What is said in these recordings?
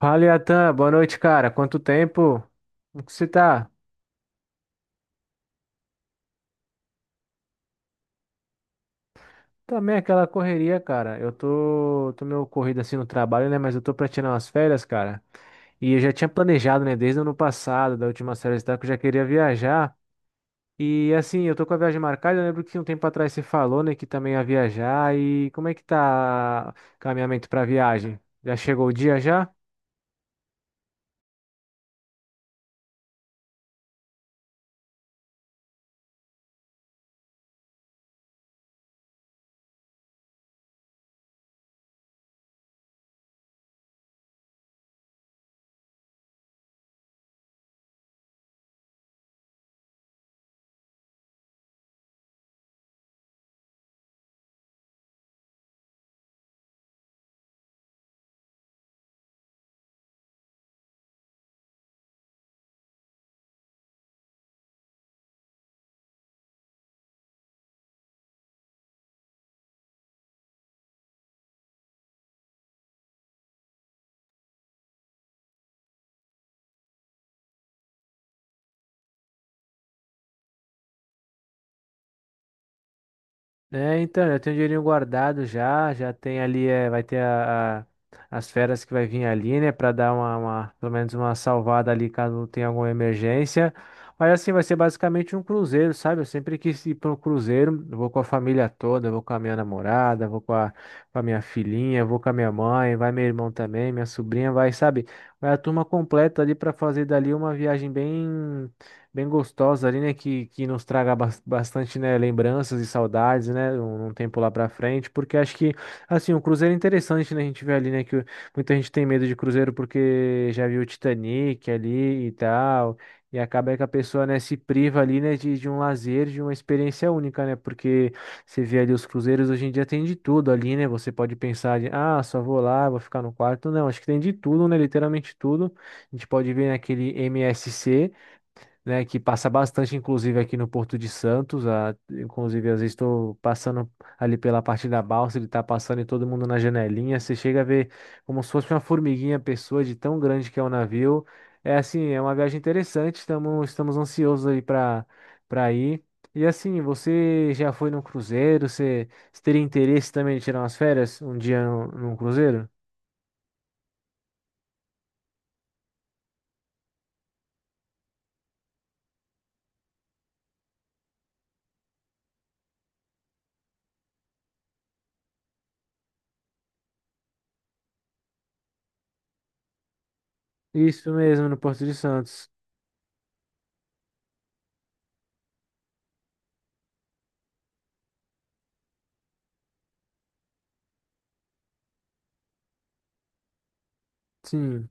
Fala, Yatan. Boa noite, cara. Quanto tempo? Como que você tá? Também aquela correria, cara. Eu tô meio corrido assim no trabalho, né? Mas eu tô pra tirar umas férias, cara. E eu já tinha planejado, né? Desde o ano passado, da última série que eu já queria viajar. E assim, eu tô com a viagem marcada. Eu lembro que um tempo atrás você falou, né? Que também ia viajar. E como é que tá o caminhamento pra viagem? Já chegou o dia já? É, então, já tenho um dinheirinho guardado, já, já tem ali, é, vai ter as férias que vai vir ali, né? Pra dar pelo menos uma salvada ali, caso tenha alguma emergência. Mas assim, vai ser basicamente um cruzeiro, sabe? Eu sempre quis ir para um cruzeiro. Eu vou com a família toda, eu vou com a minha namorada, eu vou com a minha filhinha, eu vou com a minha mãe, vai meu irmão também, minha sobrinha, vai, sabe? Vai a turma completa ali pra fazer dali uma viagem bem bem gostosa ali, né? Que nos traga bastante, né, lembranças e saudades, né? Um tempo lá pra frente, porque acho que, assim, o cruzeiro é interessante, né? A gente vê ali, né? Que muita gente tem medo de cruzeiro porque já viu o Titanic ali e tal. E acaba que a pessoa, né, se priva ali, né, de um lazer, de uma experiência única, né? Porque você vê ali os cruzeiros, hoje em dia tem de tudo ali, né? Você pode pensar de, ah, só vou lá, vou ficar no quarto. Não, acho que tem de tudo, né? Literalmente tudo. A gente pode ver naquele MSC, né, que passa bastante, inclusive, aqui no Porto de Santos. A, inclusive, às vezes estou passando ali pela parte da balsa, ele está passando e todo mundo na janelinha. Você chega a ver, como se fosse uma formiguinha a pessoa, de tão grande que é o navio. É assim, é uma viagem interessante. Estamos ansiosos aí para para ir. E assim, você já foi num cruzeiro? Você, você teria interesse também de tirar umas férias um dia num, num cruzeiro? Isso mesmo, no Porto de Santos. Sim.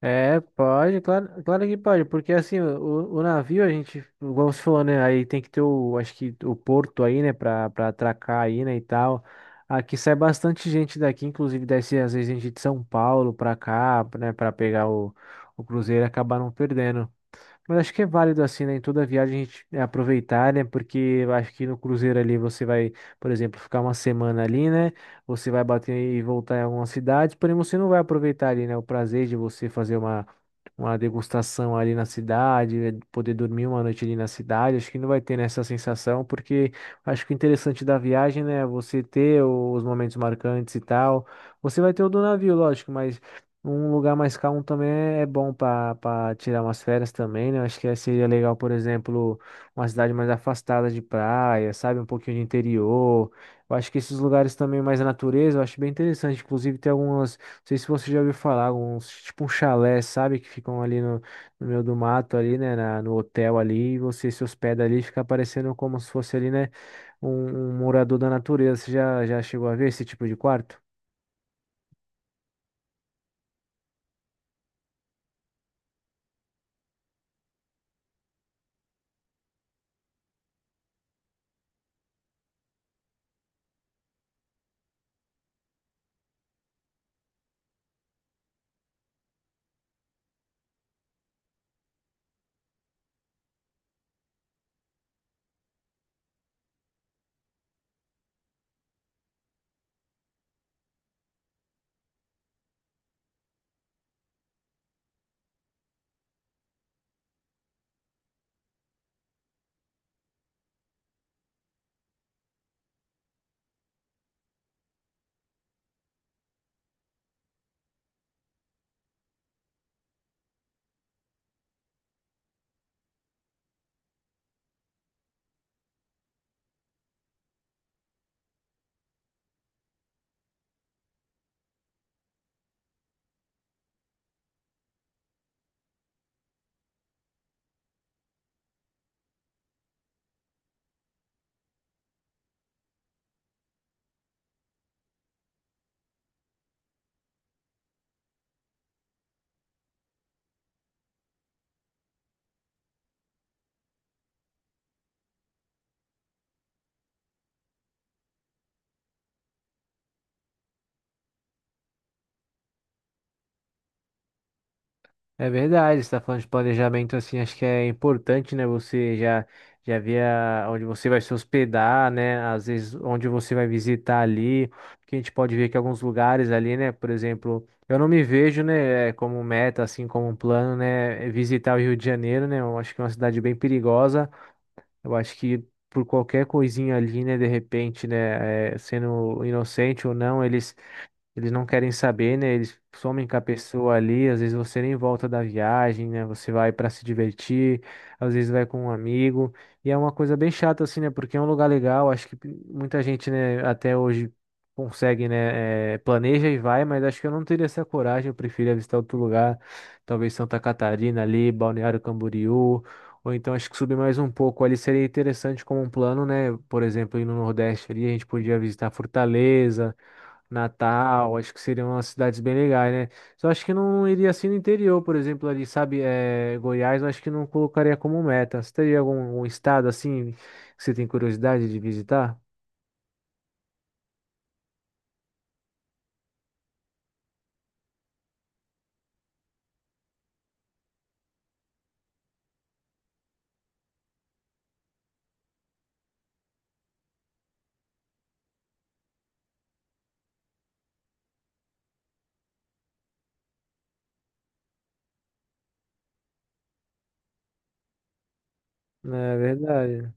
É, pode, claro, claro que pode, porque assim, o navio a gente, igual você falou, né, aí tem que ter o, acho que o porto aí, né, pra, pra atracar aí, né, e tal. Aqui sai bastante gente daqui, inclusive desce às vezes gente de São Paulo pra cá, né, pra pegar o cruzeiro e acabar não perdendo. Mas acho que é válido assim, né? Em toda viagem a gente é, aproveitar, né? Porque eu acho que no cruzeiro ali você vai, por exemplo, ficar uma semana ali, né? Você vai bater e voltar em alguma cidade, porém você não vai aproveitar ali, né? O prazer de você fazer uma degustação ali na cidade, né, poder dormir uma noite ali na cidade. Acho que não vai ter nessa sensação, porque acho que o interessante da viagem, né? É você ter os momentos marcantes e tal. Você vai ter o do navio, lógico, mas um lugar mais calmo também é é bom para para tirar umas férias também, né? Eu acho que seria legal, por exemplo, uma cidade mais afastada de praia, sabe? Um pouquinho de interior. Eu acho que esses lugares também mais natureza, eu acho bem interessante. Inclusive, tem algumas, não sei se você já ouviu falar, alguns, tipo um chalé, sabe? Que ficam ali no, no meio do mato, ali, né? No hotel ali, e você se hospeda ali, fica parecendo como se fosse ali, né? Um morador da natureza. Você já, já chegou a ver esse tipo de quarto? É verdade, você está falando de planejamento. Assim, acho que é importante, né? Você já já ver onde você vai se hospedar, né? Às vezes onde você vai visitar ali, porque a gente pode ver que alguns lugares ali, né? Por exemplo, eu não me vejo, né, como meta, assim, como um plano, né, visitar o Rio de Janeiro, né? Eu acho que é uma cidade bem perigosa. Eu acho que por qualquer coisinha ali, né? De repente, né, sendo inocente ou não, eles não querem saber, né? Eles somem com a pessoa ali, às vezes você nem volta da viagem, né? Você vai para se divertir, às vezes vai com um amigo, e é uma coisa bem chata assim, né? Porque é um lugar legal, acho que muita gente, né, até hoje consegue, né, planeja e vai, mas acho que eu não teria essa coragem, eu prefiro visitar outro lugar, talvez Santa Catarina ali, Balneário Camboriú, ou então acho que subir mais um pouco ali seria interessante como um plano, né? Por exemplo, ir no Nordeste ali, a gente podia visitar Fortaleza, Natal, acho que seriam umas cidades bem legais, né? Só acho que não iria assim no interior, por exemplo, ali, sabe, é, Goiás, eu acho que não colocaria como meta. Você teria algum, algum estado assim que você tem curiosidade de visitar? É verdade.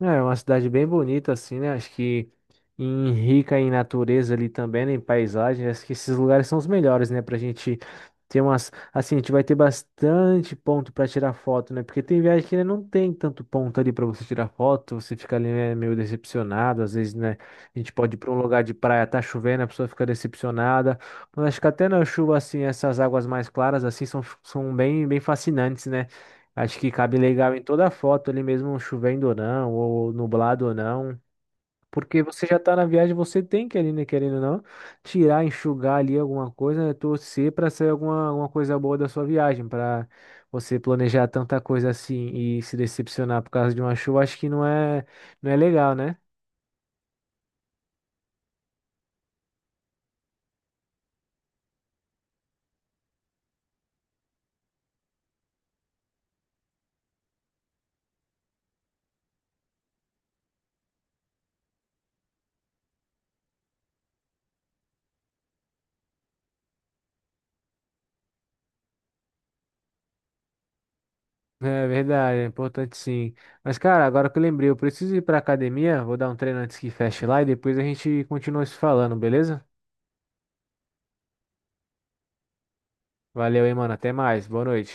É é uma cidade bem bonita, assim, né? Acho que em rica em natureza ali também, né? Em paisagem. Acho que esses lugares são os melhores, né? Pra gente ter umas. Assim, a gente vai ter bastante ponto pra tirar foto, né? Porque tem viagem que né, não tem tanto ponto ali pra você tirar foto. Você fica ali, né, meio decepcionado. Às vezes, né? A gente pode ir pra um lugar de praia, tá chovendo, a pessoa fica decepcionada. Mas acho que até na chuva, assim, essas águas mais claras, assim, são, são bem, bem fascinantes, né? Acho que cabe legal em toda a foto ali mesmo, chovendo ou não, ou nublado ou não. Porque você já tá na viagem, você tem que ali, né, querendo ou não, tirar, enxugar ali alguma coisa, né, torcer para sair alguma, alguma coisa boa da sua viagem, para você planejar tanta coisa assim e se decepcionar por causa de uma chuva, acho que não é, não é legal, né? É verdade, é importante sim. Mas, cara, agora que eu lembrei, eu preciso ir pra academia, vou dar um treino antes que feche lá e depois a gente continua se falando, beleza? Valeu, hein, mano, até mais, boa noite.